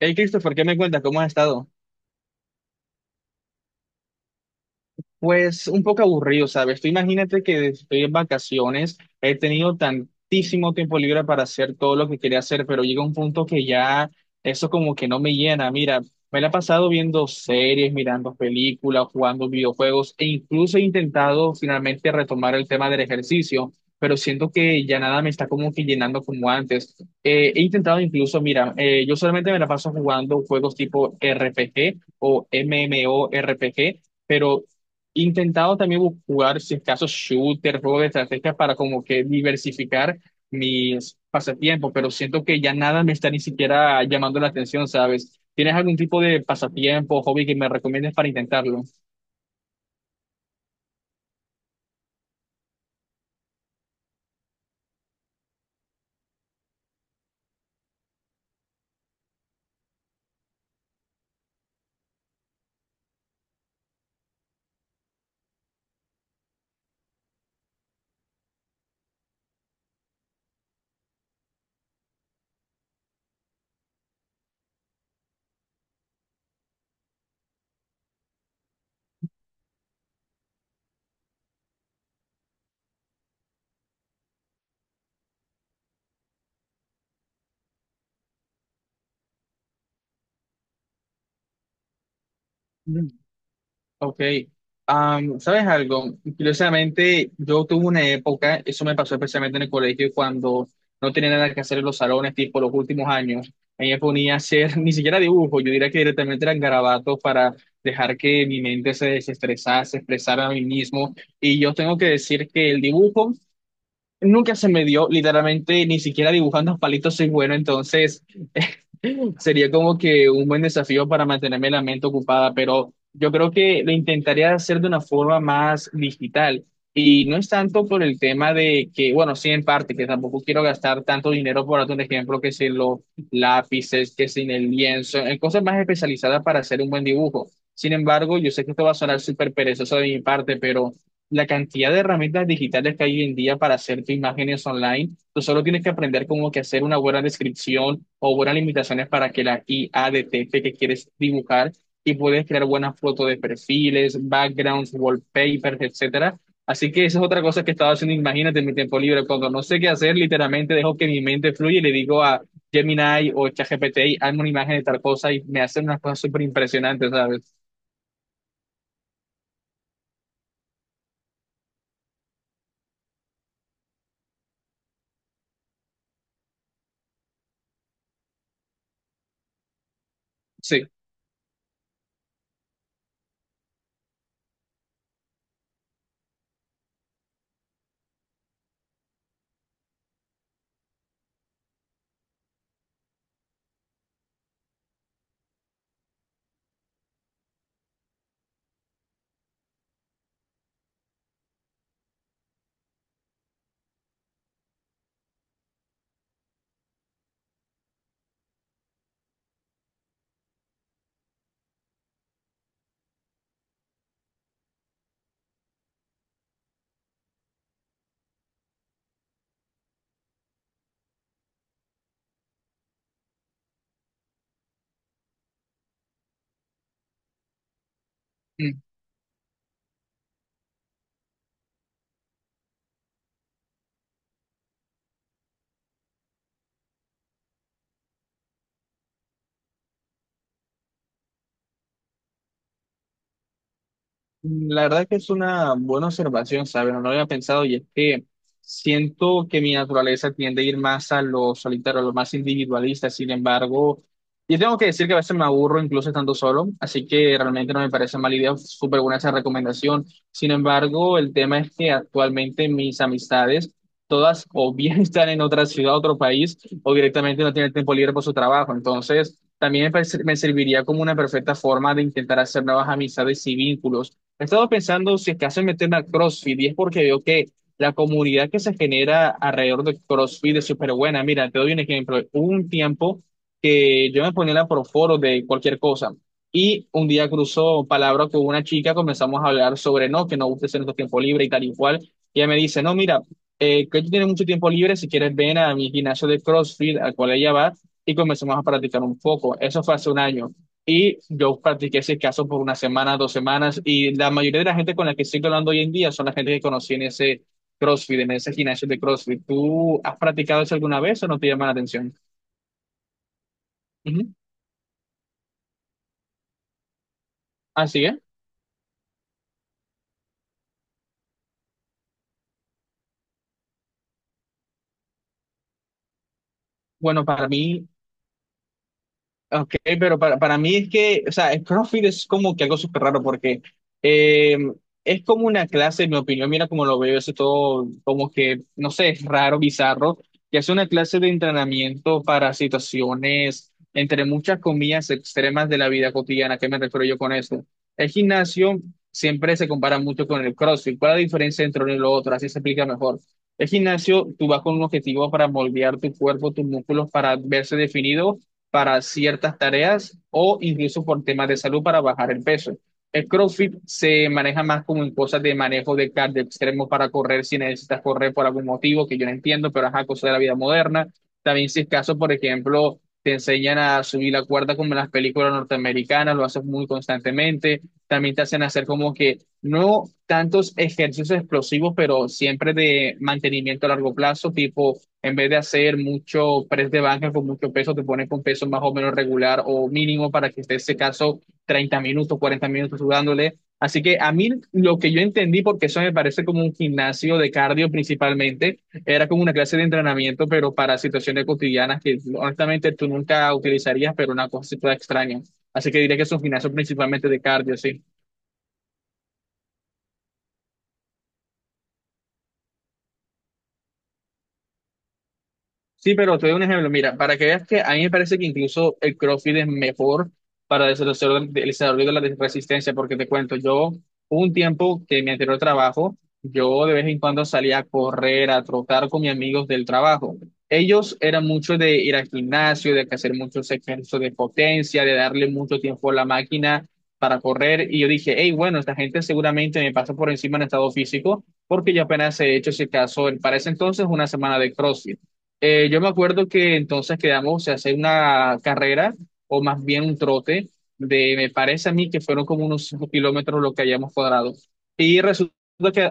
Hey Christopher, ¿qué me cuentas? ¿Cómo has estado? Pues un poco aburrido, ¿sabes? Tú imagínate que estoy en vacaciones, he tenido tantísimo tiempo libre para hacer todo lo que quería hacer, pero llega un punto que ya eso como que no me llena. Mira, me la he pasado viendo series, mirando películas, jugando videojuegos e incluso he intentado finalmente retomar el tema del ejercicio, pero siento que ya nada me está como que llenando como antes. He intentado incluso, mira, yo solamente me la paso jugando juegos tipo RPG o MMORPG, pero intentado también jugar, si es caso, shooter, juego de estrategia para como que diversificar mis pasatiempos, pero siento que ya nada me está ni siquiera llamando la atención, ¿sabes? ¿Tienes algún tipo de pasatiempo, hobby que me recomiendes para intentarlo? Ok. ¿Sabes algo? Curiosamente, yo tuve una época, eso me pasó especialmente en el colegio, cuando no tenía nada que hacer en los salones, tipo los últimos años. Ahí me ponía a hacer ni siquiera dibujo, yo diría que directamente eran garabatos para dejar que mi mente se desestresase, expresara a mí mismo. Y yo tengo que decir que el dibujo nunca se me dio, literalmente, ni siquiera dibujando palitos soy bueno, entonces. Sería como que un buen desafío para mantenerme la mente ocupada, pero yo creo que lo intentaría hacer de una forma más digital. Y no es tanto por el tema de que, bueno, sí en parte, que tampoco quiero gastar tanto dinero, por darte un ejemplo, que si los lápices, que sin el lienzo, en cosas más especializadas para hacer un buen dibujo. Sin embargo, yo sé que esto va a sonar súper perezoso de mi parte, pero la cantidad de herramientas digitales que hay hoy en día para hacer tus imágenes online. Tú solo tienes que aprender como que hacer una buena descripción o buenas limitaciones para que la IA detecte que quieres dibujar y puedes crear buenas fotos de perfiles, backgrounds, wallpapers, etcétera. Así que esa es otra cosa que estaba haciendo, imagínate, en mi tiempo libre. Cuando no sé qué hacer, literalmente dejo que mi mente fluya y le digo a Gemini o ChatGPT, hazme una imagen de tal cosa y me hacen unas cosas súper impresionantes, ¿sabes? Sí. Mm. La verdad que es una buena observación, ¿sabes? No lo había pensado y es que siento que mi naturaleza tiende a ir más a lo solitario, a lo más individualista, sin embargo, yo tengo que decir que a veces me aburro incluso estando solo, así que realmente no me parece mala idea, súper buena esa recomendación. Sin embargo, el tema es que actualmente mis amistades todas o bien están en otra ciudad, otro país, o directamente no tienen tiempo libre por su trabajo, entonces también me me serviría como una perfecta forma de intentar hacer nuevas amistades y vínculos. He estado pensando si es que hacen meterme a CrossFit y es porque veo que la comunidad que se genera alrededor de CrossFit es súper buena. Mira, te doy un ejemplo. Hubo un tiempo que yo me ponía la proforo de cualquier cosa y un día cruzó palabra con una chica, comenzamos a hablar sobre no, que no gusta hacer nuestro tiempo libre y tal y cual. Y ella me dice, no, mira, que tú tienes mucho tiempo libre, si quieres ven a mi gimnasio de CrossFit al cual ella va y comenzamos a practicar un poco. Eso fue hace un año. Y yo practiqué ese caso por una semana, dos semanas, y la mayoría de la gente con la que estoy hablando hoy en día son la gente que conocí en ese CrossFit, en ese gimnasio de CrossFit. ¿Tú has practicado eso alguna vez o no te llama la atención? Ujú. Así es. Bueno, para mí. Ok, pero para mí es que, o sea, el CrossFit es como que algo súper raro porque eh, es como una clase, en mi opinión, mira cómo lo veo, eso todo como que, no sé, es raro, bizarro, que es una clase de entrenamiento para situaciones, entre muchas comillas, extremas de la vida cotidiana. ¿A ¿Qué me refiero yo con eso? El gimnasio siempre se compara mucho con el CrossFit. ¿Cuál es la diferencia entre uno y lo otro? Así se explica mejor. El gimnasio, tú vas con un objetivo para moldear tu cuerpo, tus músculos, para verse definido para ciertas tareas o incluso por temas de salud para bajar el peso. El CrossFit se maneja más como en cosas de manejo de cardio extremo para correr si necesitas correr por algún motivo que yo no entiendo, pero es cosa de la vida moderna. También si es caso, por ejemplo, te enseñan a subir la cuerda como en las películas norteamericanas, lo haces muy constantemente. También te hacen hacer como que no tantos ejercicios explosivos, pero siempre de mantenimiento a largo plazo, tipo en vez de hacer mucho press de banca con mucho peso, te pones con peso más o menos regular o mínimo para que esté ese caso 30 minutos, 40 minutos sudándole. Así que a mí lo que yo entendí, porque eso me parece como un gimnasio de cardio principalmente, era como una clase de entrenamiento, pero para situaciones cotidianas que honestamente tú nunca utilizarías, pero una cosa así toda extraña. Así que diría que es un gimnasio principalmente de cardio, sí. Sí, pero te doy un ejemplo. Mira, para que veas que a mí me parece que incluso el CrossFit es mejor para el desarrollo de la resistencia, porque te cuento, yo hubo un tiempo que en mi anterior trabajo, yo de vez en cuando salía a correr, a trotar con mis amigos del trabajo. Ellos eran mucho de ir al gimnasio, de hacer muchos ejercicios de potencia, de darle mucho tiempo a la máquina para correr. Y yo dije, hey, bueno, esta gente seguramente me pasa por encima en estado físico, porque yo apenas he hecho, si acaso, para ese entonces, una semana de CrossFit. Yo me acuerdo que entonces quedamos, se hace una carrera o más bien un trote de, me parece a mí que fueron como unos 5 kilómetros lo que hayamos cuadrado. Y resulta que,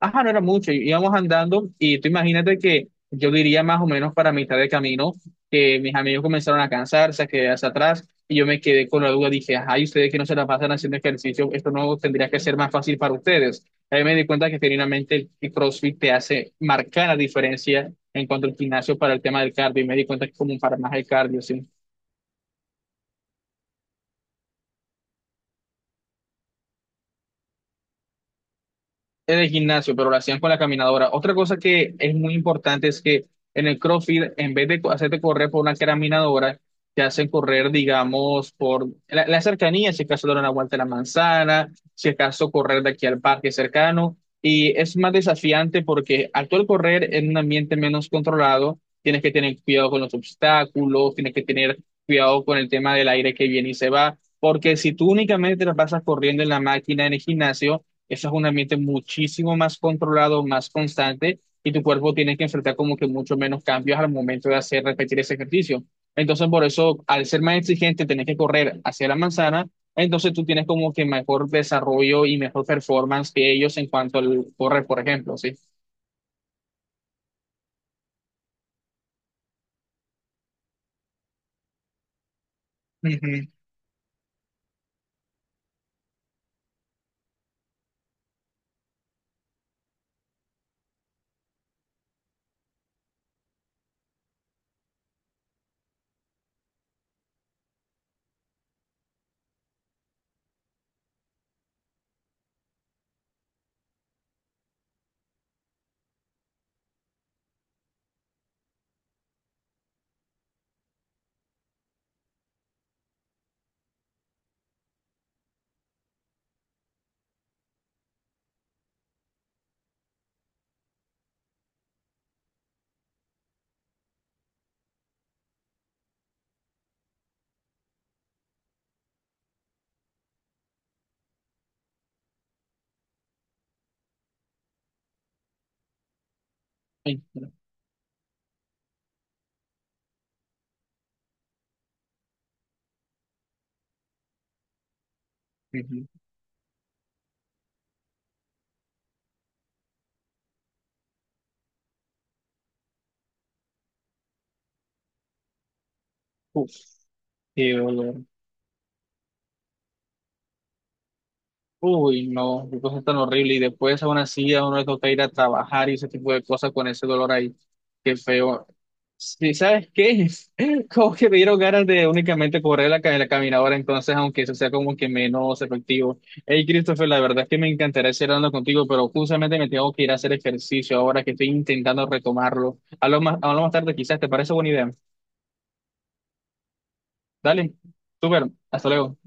ajá, no era mucho, íbamos andando y tú imagínate que yo diría más o menos para mitad de camino que mis amigos comenzaron a cansarse, a quedarse atrás y yo me quedé con la duda, dije, ajá, y ustedes que no se la pasan haciendo ejercicio, esto no tendría que ser más fácil para ustedes. Ahí me di cuenta que genuinamente el CrossFit te hace marcar la diferencia en cuanto al gimnasio para el tema del cardio y me di cuenta que es como para más el cardio, ¿sí? En el gimnasio, pero lo hacían con la caminadora. Otra cosa que es muy importante es que en el CrossFit, en vez de hacerte correr por una caminadora, te hacen correr, digamos, por la cercanía, si acaso dar una vuelta a la manzana, si acaso correr de aquí al parque cercano. Y es más desafiante porque al tú correr en un ambiente menos controlado, tienes que tener cuidado con los obstáculos, tienes que tener cuidado con el tema del aire que viene y se va, porque si tú únicamente te la pasas corriendo en la máquina, en el gimnasio, eso es un ambiente muchísimo más controlado, más constante, y tu cuerpo tiene que enfrentar como que mucho menos cambios al momento de hacer repetir ese ejercicio. Entonces, por eso, al ser más exigente, tenés que correr hacia la manzana, entonces tú tienes como que mejor desarrollo y mejor performance que ellos en cuanto al correr, por ejemplo, ¿sí? Ujú. Ay, pero. Ujú. Uf, qué dolor. Uy, no, qué cosa tan horrible. Y después aún así a uno le toca ir a trabajar y ese tipo de cosas con ese dolor ahí. Qué feo. Sí, ¿sabes qué? Como que me dieron ganas de únicamente correr la, la caminadora, entonces, aunque eso sea como que menos efectivo. Hey, Christopher, la verdad es que me encantaría seguir hablando contigo, pero justamente me tengo que ir a hacer ejercicio ahora que estoy intentando retomarlo. Hablo más tarde, quizás, ¿te parece buena idea? Dale, súper, hasta luego.